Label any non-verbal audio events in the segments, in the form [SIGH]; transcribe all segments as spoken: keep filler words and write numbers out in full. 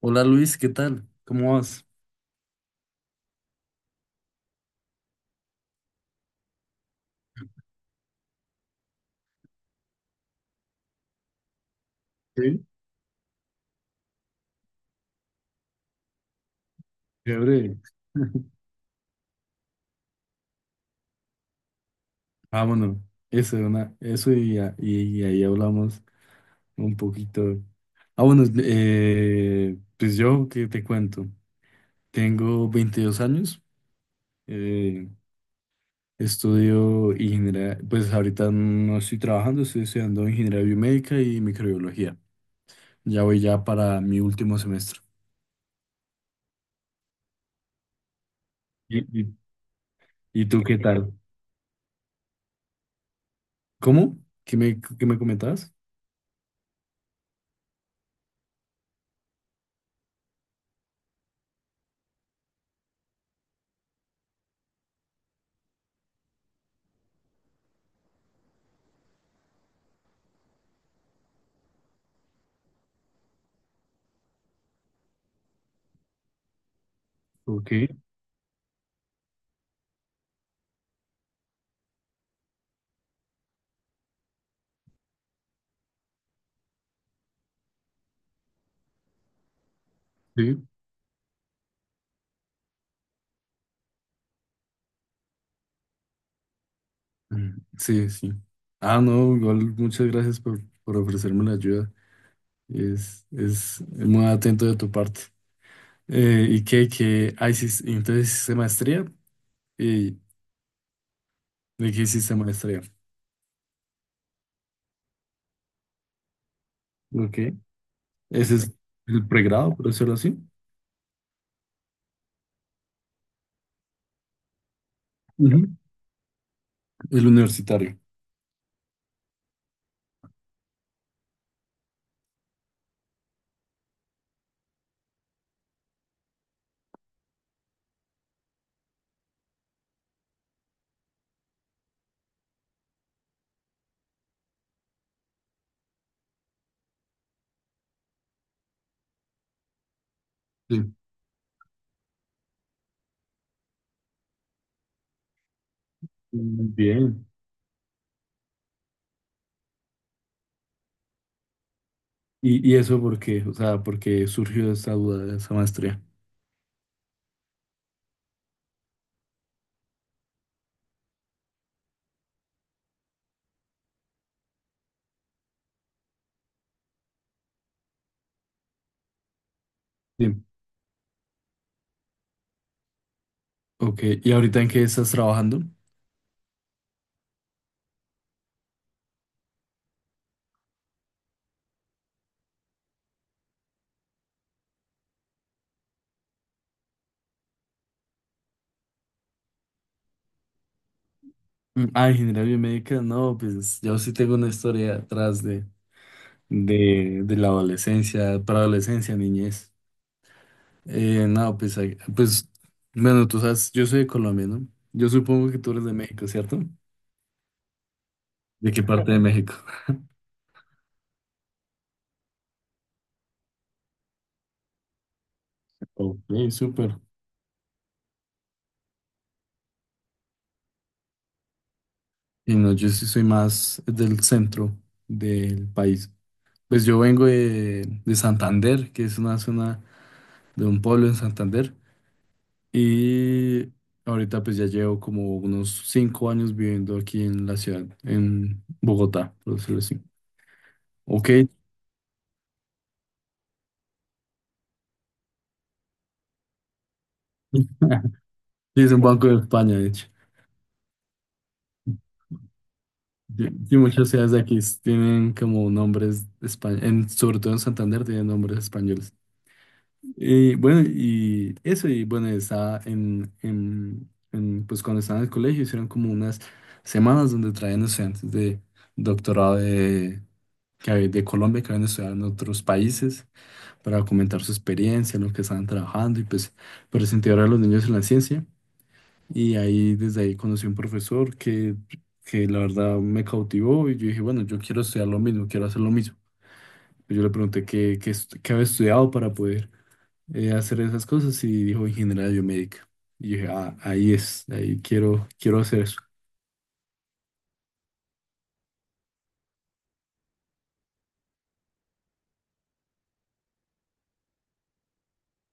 Hola Luis, ¿qué tal? ¿Cómo vas? Sí, chévere. [LAUGHS] Ah, bueno, eso, una, eso y, a- y- y ahí hablamos un poquito. Ah, bueno, eh, pues yo, ¿qué te cuento? Tengo veintidós años, eh, estudio ingeniería, pues ahorita no estoy trabajando, estoy estudiando ingeniería biomédica y microbiología. Ya voy ya para mi último semestre. ¿Y, y- y tú qué tal? ¿Cómo? ¿Qué me, qué me comentabas? Ok, sí. Mm, sí, sí. Ah, no, igual muchas gracias por, por ofrecerme la ayuda. Es, es muy atento de tu parte. Eh, ¿y qué, qué? Ah, hicis- entonces hiciste maestría. ¿Y de qué hiciste maestría? Ok. Ese es el pregrado, por decirlo así. Ujú. El universitario. Sí. Muy bien. ¿Y, y eso por qué? O sea, ¿por qué surgió esa duda de esa maestría? Sí. Ok. ¿Y ahorita en qué estás trabajando? Mm, ah, ingeniería biomédica, no, pues yo sí tengo una historia atrás de, de la adolescencia, preadolescencia, niñez. Eh, no, pues, ahí- pues, bueno, tú sabes, yo soy de Colombia, ¿no? Yo supongo que tú eres de México, ¿cierto? ¿De qué parte de México? [LAUGHS] Ok, súper. Y no, yo sí soy más del centro del país. Pues yo vengo de, de Santander, que es una zona de un pueblo en Santander. Y ahorita pues ya llevo como unos cinco años viviendo aquí en la ciudad, en Bogotá, por decirlo así. Ok. [LAUGHS] Sí, es un banco de España, de hecho. Sí, sí, muchas ciudades de aquí tienen como nombres españoles, sobre todo en Santander tienen nombres españoles. Y bueno, y eso, y bueno, estaba en, en, en, pues cuando estaba en el colegio hicieron como unas semanas donde traían estudiantes de doctorado de, que hab- de Colombia que habían estudiado en otros países para comentar su experiencia, en lo que estaban trabajando y pues por incentivar a los niños en la ciencia. Y ahí, desde ahí conocí un profesor que, que la verdad me cautivó y yo dije, bueno, yo quiero estudiar lo mismo, quiero hacer lo mismo. Yo le pregunté qué, qué, est- qué había estudiado para poder eh, hacer esas cosas y dijo ingeniería biomédica. Y yo dije, ah, ahí es, ahí quiero, quiero hacer eso.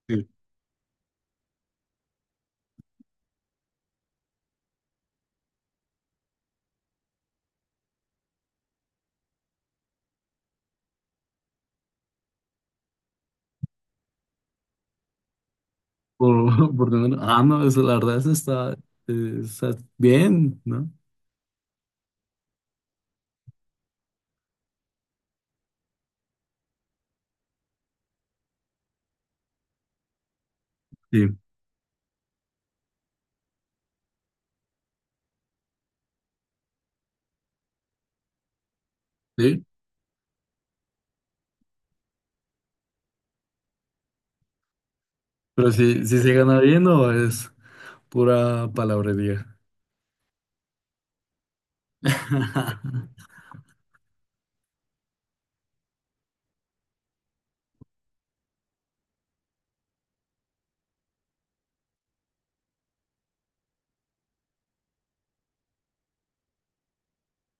Sí. Por, [LAUGHS] por lo menos, ah, no, eso, la verdad, eso está, eh, está bien, ¿no? Sí, sí, pero si, si se gana bien o es pura palabrería. [LAUGHS]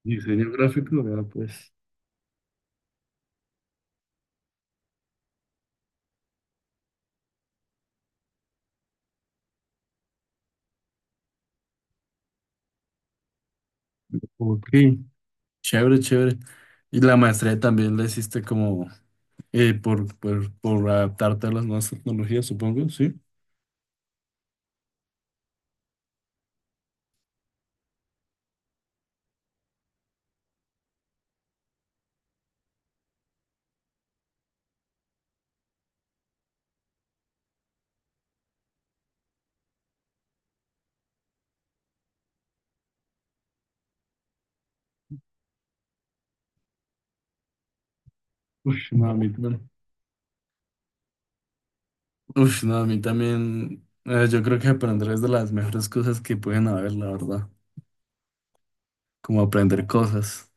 Diseño gráfico, vea pues. Ok, chévere, chévere. Y la maestría también la hiciste como eh, por, por, por adaptarte a las nuevas tecnologías, supongo, ¿sí? Ush, no, a mí también. Ush, no, a mí también. Eh, yo creo que aprender es de las mejores cosas que pueden haber, la verdad. Como aprender cosas.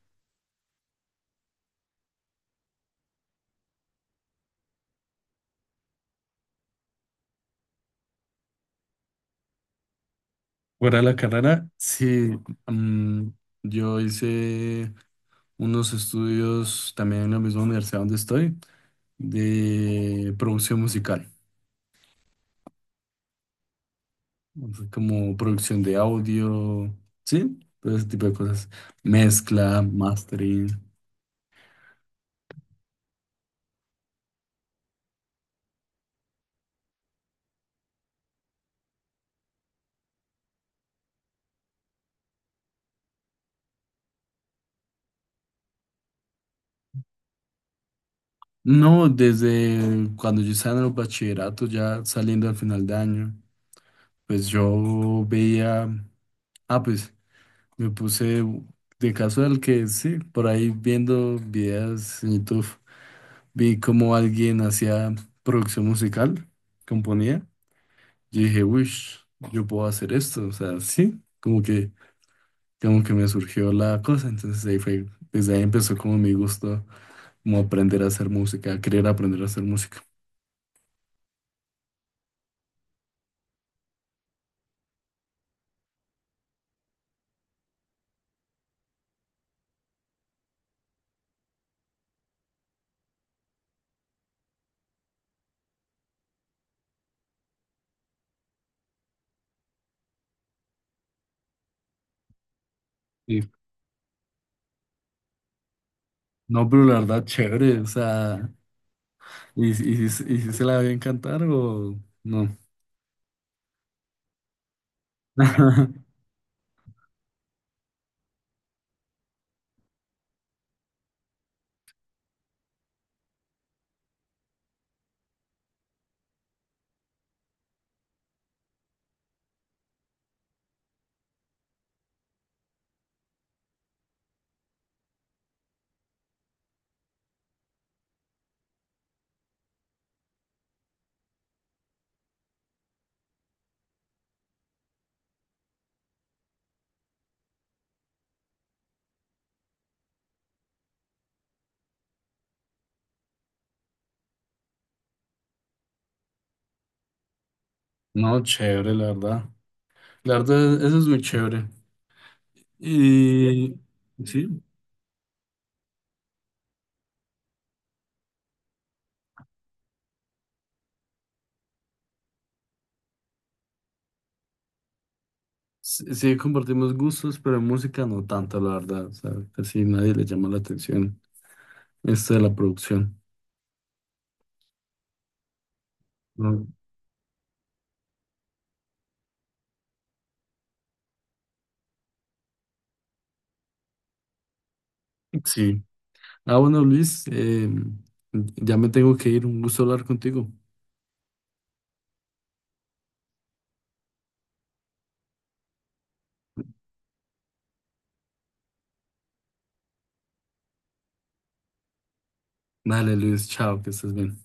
Fuera de la carrera, sí. Mm, yo hice unos estudios también en la misma universidad donde estoy, de producción musical. O sea, como producción de audio, ¿sí? Todo ese tipo de cosas. Mezcla, mastering. No, desde cuando yo estaba en el bachillerato, ya saliendo al final de año, pues yo veía, ah, pues me puse de caso casual que sí, por ahí viendo videos en YouTube, vi cómo alguien hacía producción musical, componía. Yo dije, uy, yo puedo hacer esto, o sea, sí, como que como que me surgió la cosa, entonces ahí fue, desde ahí empezó como mi gusto, como aprender a hacer música, querer aprender a hacer música. Y no, pero la verdad, chévere, o sea, ¿y, si- y, si- y si se la a cantar o no? [LAUGHS] No, chévere, la verdad. La verdad, eso es muy chévere. Y sí, sí sí compartimos gustos, pero en música no tanto, la verdad, o sea, casi nadie le llama la atención esto de la producción, ¿no? Sí. Ah, bueno, Luis, eh, ya me tengo que ir. Un gusto hablar contigo. Dale, Luis, chao, que estés bien.